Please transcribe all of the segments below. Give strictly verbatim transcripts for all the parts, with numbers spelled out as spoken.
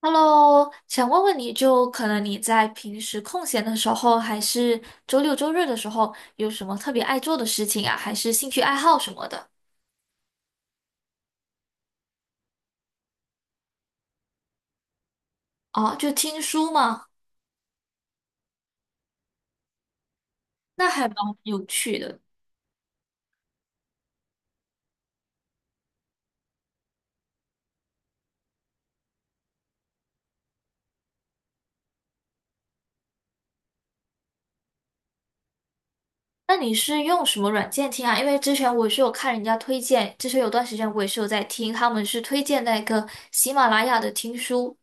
Hello，想问问你就可能你在平时空闲的时候，还是周六周日的时候，有什么特别爱做的事情啊，还是兴趣爱好什么的？哦，就听书吗？那还蛮有趣的。那你是用什么软件听啊？因为之前我是有看人家推荐，之前有段时间我也是有在听，他们是推荐那个喜马拉雅的听书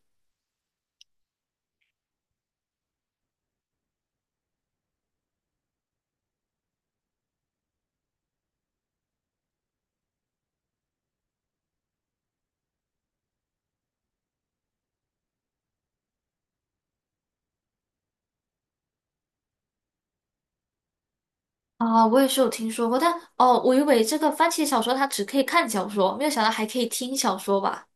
啊，我也是有听说过，但哦，我以为这个番茄小说它只可以看小说，没有想到还可以听小说吧。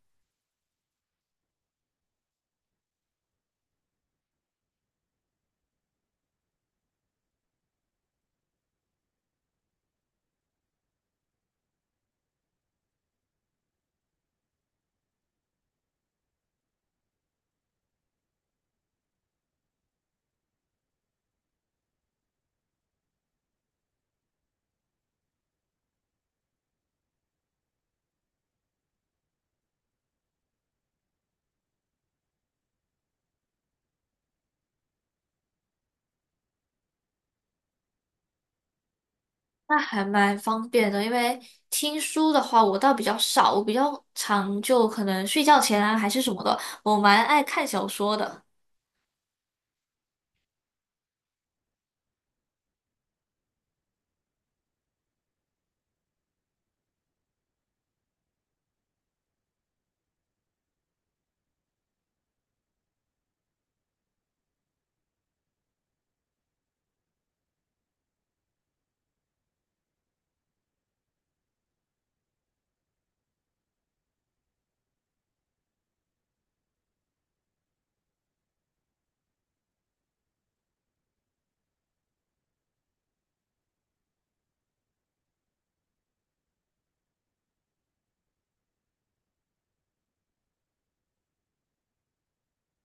那还蛮方便的，因为听书的话，我倒比较少，我比较常就可能睡觉前啊，还是什么的，我蛮爱看小说的。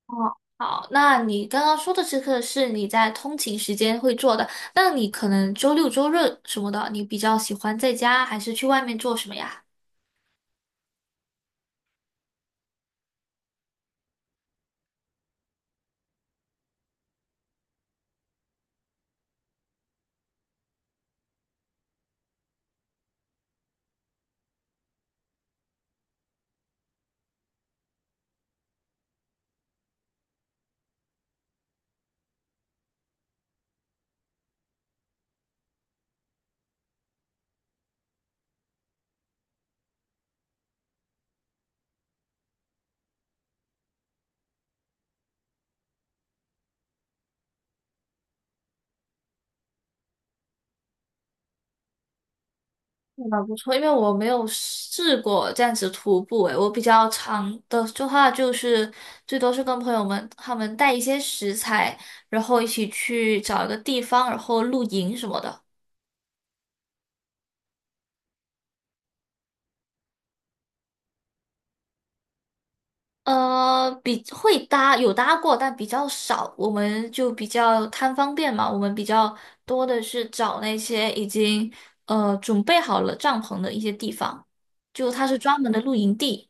哦，好，那你刚刚说的这个是你在通勤时间会做的，那你可能周六周日什么的，你比较喜欢在家还是去外面做什么呀？蛮不错，因为我没有试过这样子徒步，诶，我比较长的的话就是最多是跟朋友们他们带一些食材，然后一起去找一个地方，然后露营什么的。呃，比会搭有搭过，但比较少。我们就比较贪方便嘛，我们比较多的是找那些已经呃准备好了帐篷的一些地方，就它是专门的露营地。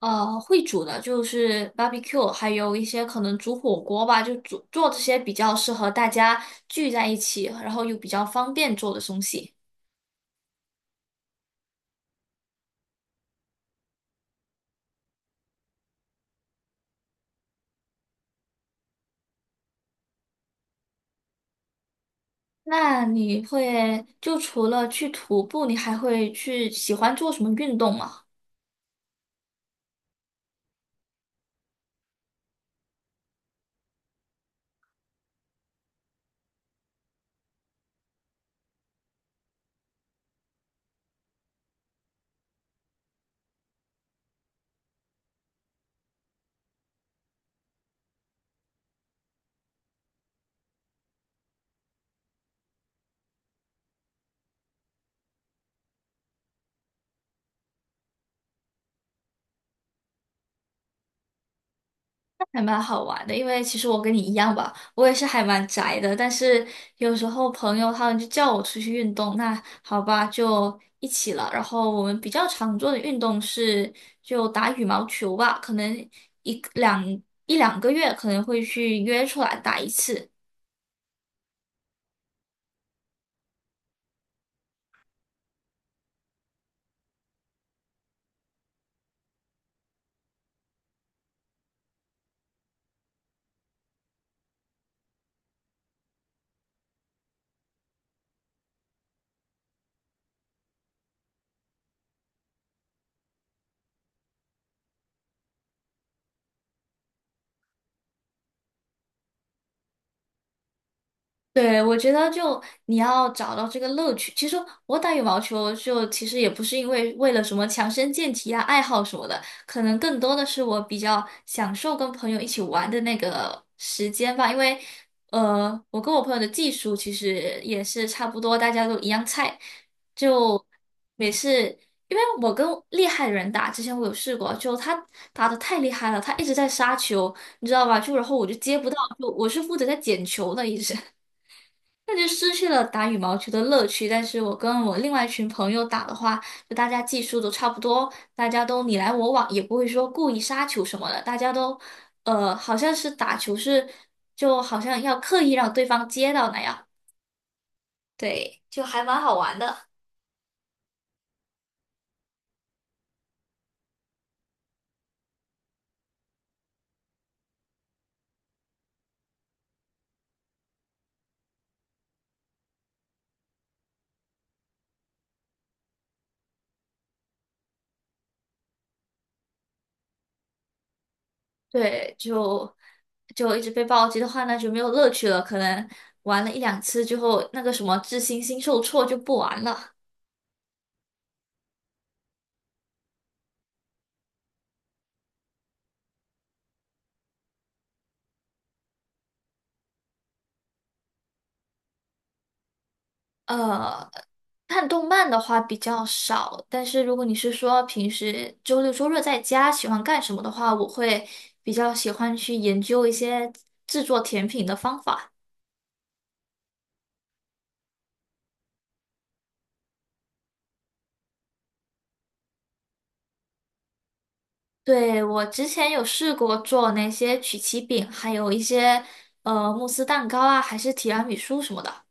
呃，会煮的就是 barbecue，还有一些可能煮火锅吧，就煮做这些比较适合大家聚在一起，然后又比较方便做的东西。那你会，就除了去徒步，你还会去喜欢做什么运动吗？还蛮好玩的，因为其实我跟你一样吧，我也是还蛮宅的，但是有时候朋友他们就叫我出去运动，那好吧，就一起了。然后我们比较常做的运动是就打羽毛球吧，可能一两一两个月可能会去约出来打一次，对，我觉得就你要找到这个乐趣。其实我打羽毛球就其实也不是因为为了什么强身健体啊、爱好什么的，可能更多的是我比较享受跟朋友一起玩的那个时间吧。因为呃，我跟我朋友的技术其实也是差不多，大家都一样菜，就每次因为我跟厉害的人打，之前我有试过，就他打的太厉害了，他一直在杀球，你知道吧？就然后我就接不到，就我是负责在捡球的一直。那就失去了打羽毛球的乐趣。但是我跟我另外一群朋友打的话，就大家技术都差不多，大家都你来我往，也不会说故意杀球什么的，大家都呃，好像是打球是就好像要刻意让对方接到那样，对，就还蛮好玩的。对，就就一直被暴击的话，那就没有乐趣了。可能玩了一两次之后，那个什么智星星受挫就不玩了。呃，看动漫的话比较少，但是如果你是说平时周六周日在家喜欢干什么的话，我会比较喜欢去研究一些制作甜品的方法。对，我之前有试过做那些曲奇饼，还有一些呃慕斯蛋糕啊，还是提拉米苏什么的。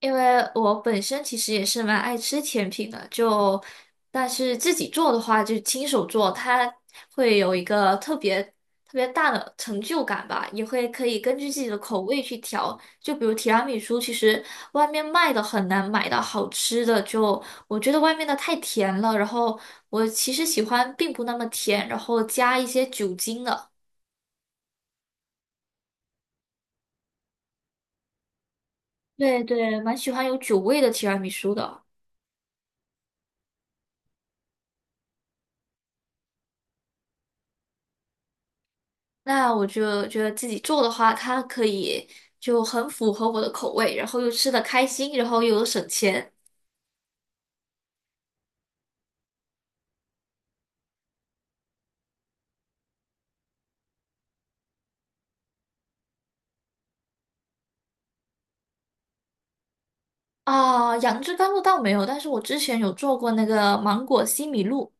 因为我本身其实也是蛮爱吃甜品的，就但是自己做的话，就亲手做，它会有一个特别特别大的成就感吧，也会可以根据自己的口味去调。就比如提拉米苏，其实外面卖的很难买到好吃的，就我觉得外面的太甜了，然后我其实喜欢并不那么甜，然后加一些酒精的。对对，蛮喜欢有酒味的提拉米苏的。那我就觉得自己做的话，它可以就很符合我的口味，然后又吃的开心，然后又有省钱啊。杨枝甘露倒没有，但是我之前有做过那个芒果西米露，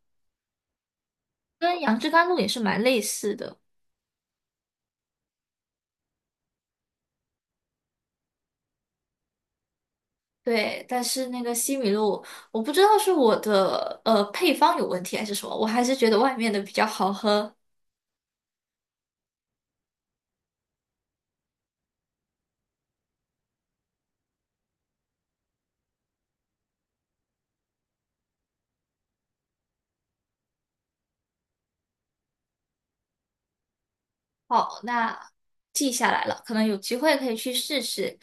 跟杨枝甘露也是蛮类似的。对，但是那个西米露，我不知道是我的呃配方有问题还是什么，我还是觉得外面的比较好喝。好，那记下来了，可能有机会可以去试试。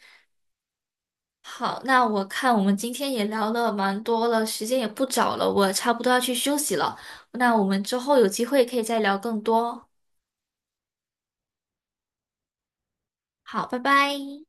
好，那我看我们今天也聊了蛮多了，时间也不早了，我差不多要去休息了。那我们之后有机会可以再聊更多。好，拜拜。